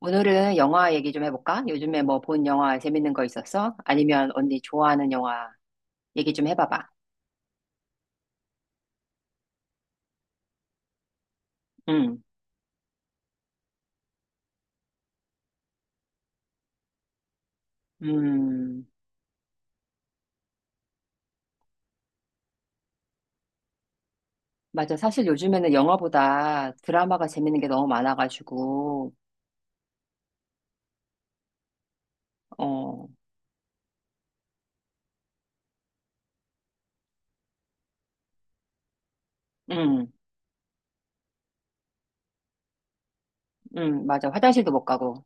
오늘은 영화 얘기 좀 해볼까? 요즘에 뭐 본 영화 재밌는 거 있었어? 아니면 언니 좋아하는 영화 얘기 좀 해봐봐. 응, 음, 맞아. 사실 요즘에는 영화보다 드라마가 재밌는 게 너무 많아가지고, 어, 응, 응, 맞아. 화장실도 못 가고,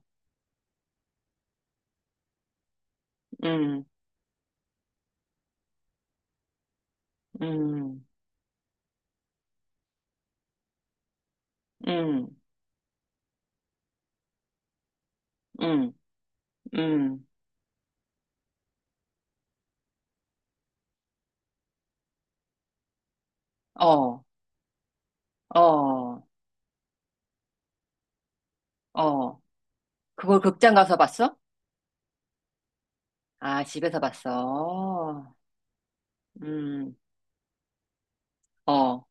응, 응, 응, 응, 응, 어, 어, 어. 그걸 극장 가서 봤어? 아, 집에서 봤어. 음, 어,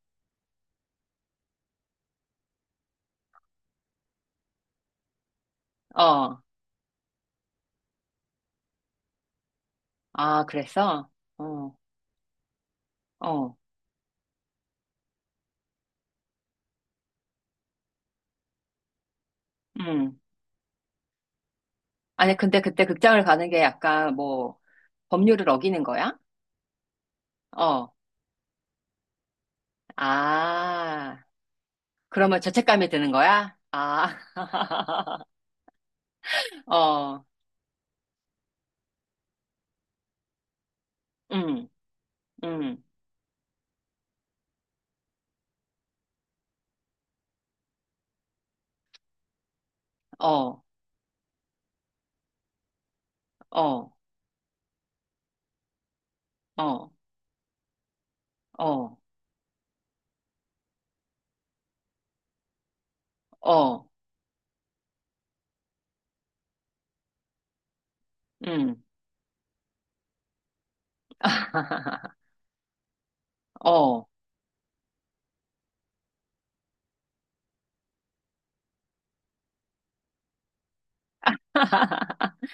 어. 아, 그랬어? 어, 어, 음. 아니, 근데 그때 극장을 가는 게 약간 뭐, 법률을 어기는 거야? 어, 아, 그러면 죄책감이 드는 거야? 아, 어, 음, 음, 어, 어, 어, 어, 어, 음, 어,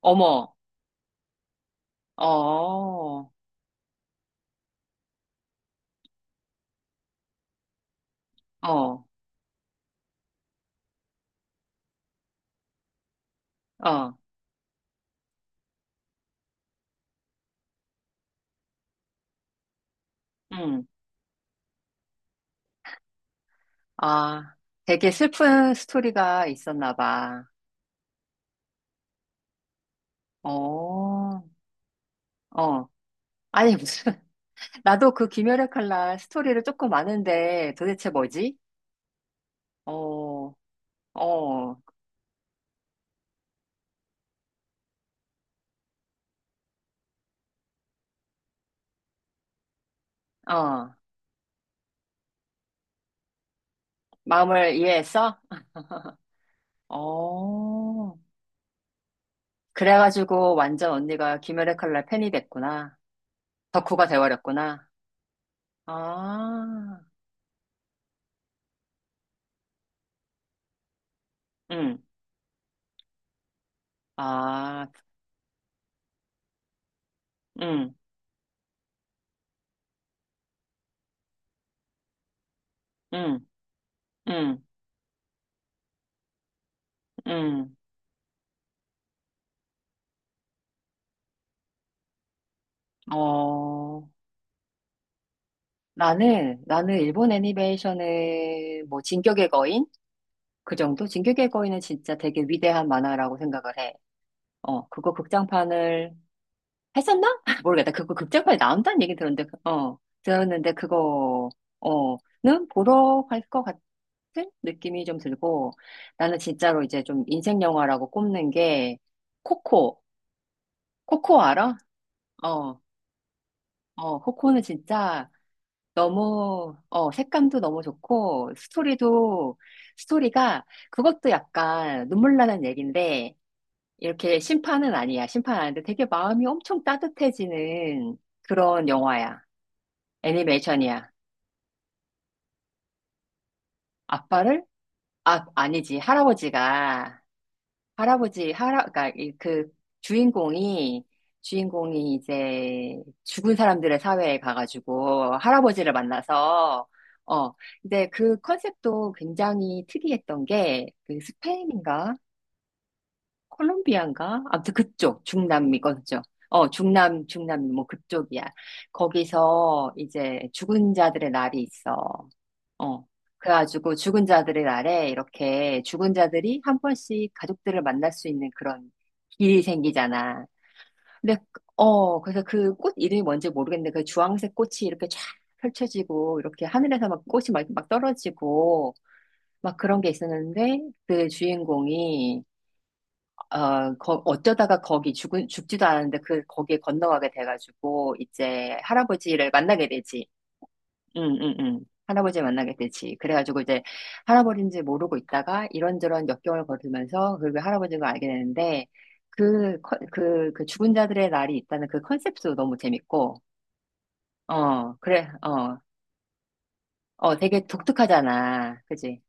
어머, 어, 어, 어, 음, 아, 되게 슬픈 스토리가 있었나 봐. 어, 어. 아니, 무슨, 나도 그 김열의 칼날 스토리를 조금 아는데 도대체 뭐지? 어, 어, 어. 마음을 이해했어? 어. 그래가지고 완전 언니가 김열의 칼날 팬이 됐구나. 덕후가 돼버렸구나. 아, 응. 아, 응, 응, 응, 응. 어. 나는 일본 애니메이션은 뭐, 진격의 거인? 그 정도? 진격의 거인은 진짜 되게 위대한 만화라고 생각을 해. 어, 그거 극장판을 했었나? 모르겠다. 그거 극장판에 나온다는 얘기 들었는데, 그, 들었는데 그거, 어, 는 보러 갈 것 같은 느낌이 좀 들고, 나는 진짜로 이제 좀 인생 영화라고 꼽는 게, 코코. 코코 알아? 어, 어, 코코는 진짜 너무, 색감도 너무 좋고, 스토리도, 스토리가, 그것도 약간 눈물 나는 얘기인데, 이렇게 심판은 아니야. 심판 아닌데 되게 마음이 엄청 따뜻해지는 그런 영화야. 애니메이션이야. 아빠를? 아, 아니지. 할아버지가, 그러니까 그 주인공이, 주인공이 이제 죽은 사람들의 사회에 가가지고 할아버지를 만나서, 어, 근데 그 컨셉도 굉장히 특이했던 게 그 스페인인가? 콜롬비아인가? 아무튼 그쪽, 중남미 거죠. 어, 중남미, 뭐 그쪽이야. 거기서 이제 죽은 자들의 날이 있어. 어. 그래가지고 죽은 자들의 날에 이렇게 죽은 자들이 한 번씩 가족들을 만날 수 있는 그런 길이 생기잖아. 근데, 그래서 그 꽃 이름이 뭔지 모르겠는데 그 주황색 꽃이 이렇게 쫙 펼쳐지고 이렇게 하늘에서 막 꽃이 막 떨어지고 막 그런 게 있었는데 그 주인공이 어쩌다가 거기 죽지도 않았는데 그, 거기에 건너가게 돼가지고, 이제 할아버지를 만나게 되지. 응, 응, 응. 할아버지 만나게 되지. 그래가지고 이제 할아버지인지 모르고 있다가 이런저런 역경을 거들면서 그 할아버지가 알게 되는데, 그 죽은 자들의 날이 있다는 그 컨셉도 너무 재밌고, 어, 그래, 어, 어, 되게 독특하잖아. 그지?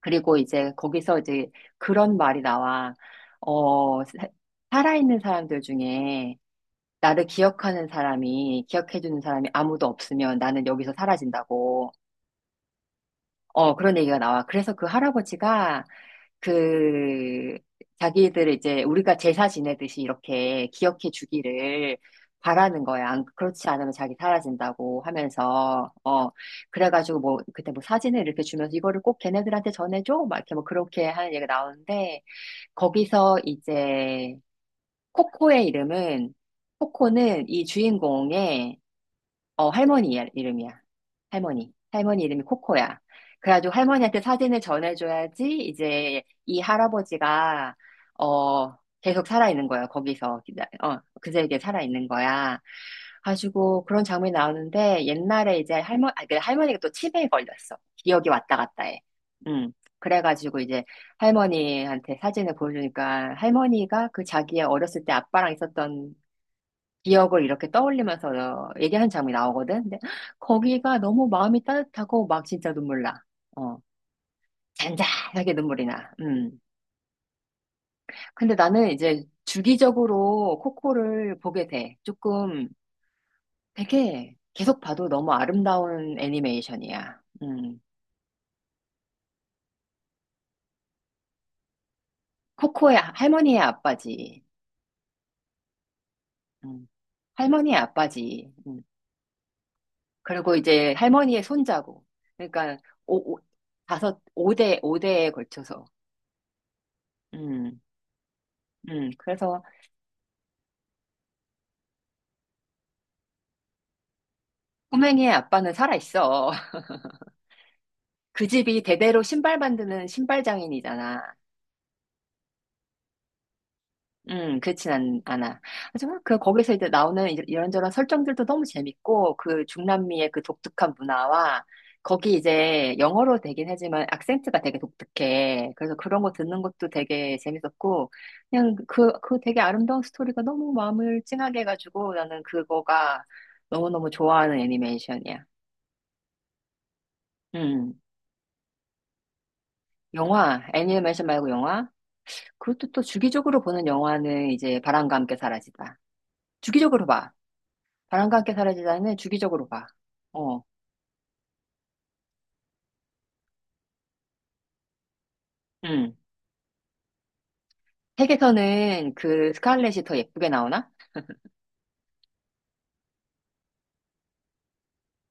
그리고 이제 거기서 이제 그런 말이 나와. 어, 사- 살아있는 사람들 중에 나를 기억하는 사람이, 기억해주는 사람이 아무도 없으면 나는 여기서 사라진다고. 어, 그런 얘기가 나와. 그래서 그 할아버지가 그 자기들 이제 우리가 제사 지내듯이 이렇게 기억해 주기를 바라는 거야. 그렇지 않으면 자기 사라진다고 하면서, 어, 그래가지고 뭐, 그때 뭐 사진을 이렇게 주면서 이거를 꼭 걔네들한테 전해줘? 막 이렇게 뭐 그렇게 하는 얘기가 나오는데, 거기서 이제 코코의 이름은 코코는 이 주인공의 할머니 이름이야. 할머니. 할머니 이름이 코코야. 그래가지고 할머니한테 사진을 전해줘야지 이제 이 할아버지가, 어, 계속 살아있는 거야. 거기서. 그제에게 살아있는 거야. 가지고 그런 장면이 나오는데 옛날에 이제 그 할머니가 또 치매에 걸렸어. 기억이 왔다 갔다 해. 음. 그래가지고 이제 할머니한테 사진을 보여주니까 할머니가 그 자기의 어렸을 때 아빠랑 있었던 기억을 이렇게 떠올리면서 얘기한 장면이 나오거든. 근데 거기가 너무 마음이 따뜻하고 막 진짜 눈물 나. 어, 잔잔하게 눈물이 나. 음. 근데 나는 이제 주기적으로 코코를 보게 돼. 조금 되게 계속 봐도 너무 아름다운 애니메이션이야. 음. 코코의 할머니의 아빠지. 음. 할머니의 아빠지. 음. 그리고 이제 할머니의 손자고. 그러니까 오, 오, 다섯, 오대오대에 걸쳐서. 음. 그래서 꼬맹이의 아빠는 살아있어. 그 집이 대대로 신발 만드는 신발 장인이잖아. 그렇진 않아. 하지만 그 거기서 이제 나오는 이런저런 설정들도 너무 재밌고 그 중남미의 그 독특한 문화와 거기 이제 영어로 되긴 하지만 악센트가 되게 독특해. 그래서 그런 거 듣는 것도 되게 재밌었고 그냥 그 되게 아름다운 스토리가 너무 마음을 찡하게 해가지고 나는 그거가 너무너무 좋아하는 애니메이션이야. 음. 영화, 애니메이션 말고 영화? 그것도 또 주기적으로 보는 영화는 이제 바람과 함께 사라지다. 주기적으로 봐. 바람과 함께 사라지다는 주기적으로 봐. 어, 음. 책에서는 그 스칼렛이 더 예쁘게 나오나?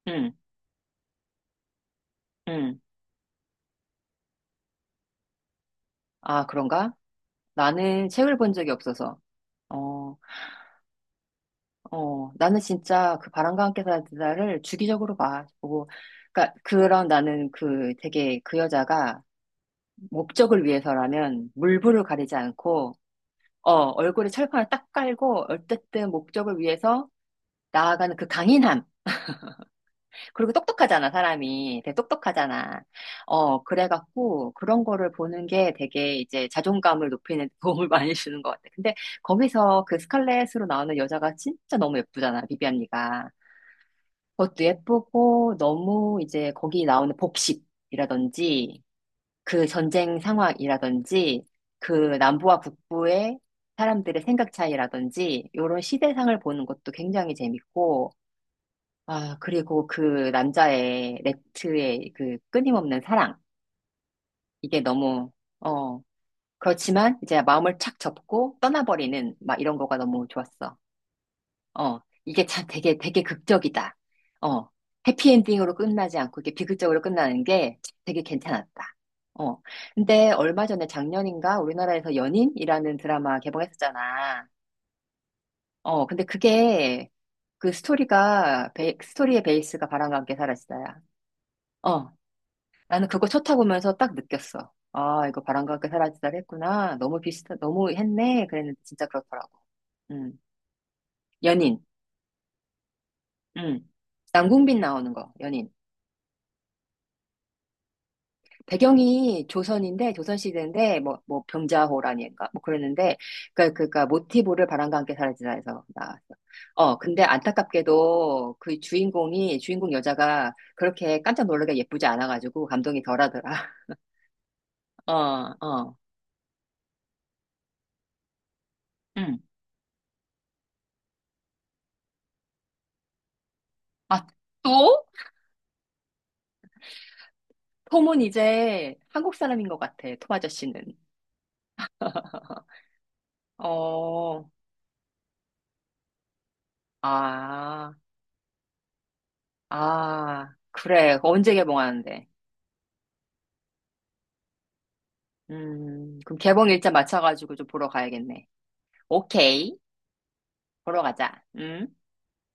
응, 응. 아, 그런가? 나는 책을 본 적이 없어서. 어, 어. 나는 진짜 그 바람과 함께 사라지다를 주기적으로 봐. 보고, 그러니까 그런 나는 그 되게 그 여자가 목적을 위해서라면 물불을 가리지 않고 얼굴에 철판을 딱 깔고 어쨌든 목적을 위해서 나아가는 그 강인함. 그리고 똑똑하잖아, 사람이. 되게 똑똑하잖아. 어, 그래갖고 그런 거를 보는 게 되게 이제 자존감을 높이는 데 도움을 많이 주는 것 같아. 근데 거기서 그 스칼렛으로 나오는 여자가 진짜 너무 예쁘잖아, 비비안이가. 그것도 예쁘고 너무 이제 거기 나오는 복식이라든지 그 전쟁 상황이라든지 그 남부와 북부의 사람들의 생각 차이라든지 이런 시대상을 보는 것도 굉장히 재밌고 아, 그리고 그 남자의 렉트의 그 끊임없는 사랑. 이게 너무, 어, 그렇지만 이제 마음을 착 접고 떠나버리는 막 이런 거가 너무 좋았어. 어, 이게 참 되게 극적이다. 어, 해피엔딩으로 끝나지 않고 이게 비극적으로 끝나는 게 되게 괜찮았다. 어, 근데 얼마 전에 작년인가 우리나라에서 연인이라는 드라마 개봉했었잖아. 어, 근데 그게 그 스토리의 베이스가 바람과 함께 사라지다야. 어. 나는 그거 첫 타보면서 딱 느꼈어. 아, 이거 바람과 함께 사라지다 했구나. 너무 너무 했네. 그랬는데 진짜 그렇더라고. 음. 연인. 음. 남궁빈 나오는 거, 연인. 배경이 조선인데, 조선시대인데, 뭐, 병자호란인가? 뭐 그랬는데, 그, 모티브를 바람과 함께 사라지다 해서 나왔어. 어, 근데 안타깝게도 그 주인공 여자가 그렇게 깜짝 놀라게 예쁘지 않아가지고 감동이 덜하더라. 어, 어. 음. 아, 또? 톰은 이제 한국 사람인 것 같아, 톰 아저씨는. 어, 아, 아, 그래. 그거 언제 개봉하는데? 그럼 개봉 일자 맞춰가지고 좀 보러 가야겠네. 오케이. 보러 가자. 음.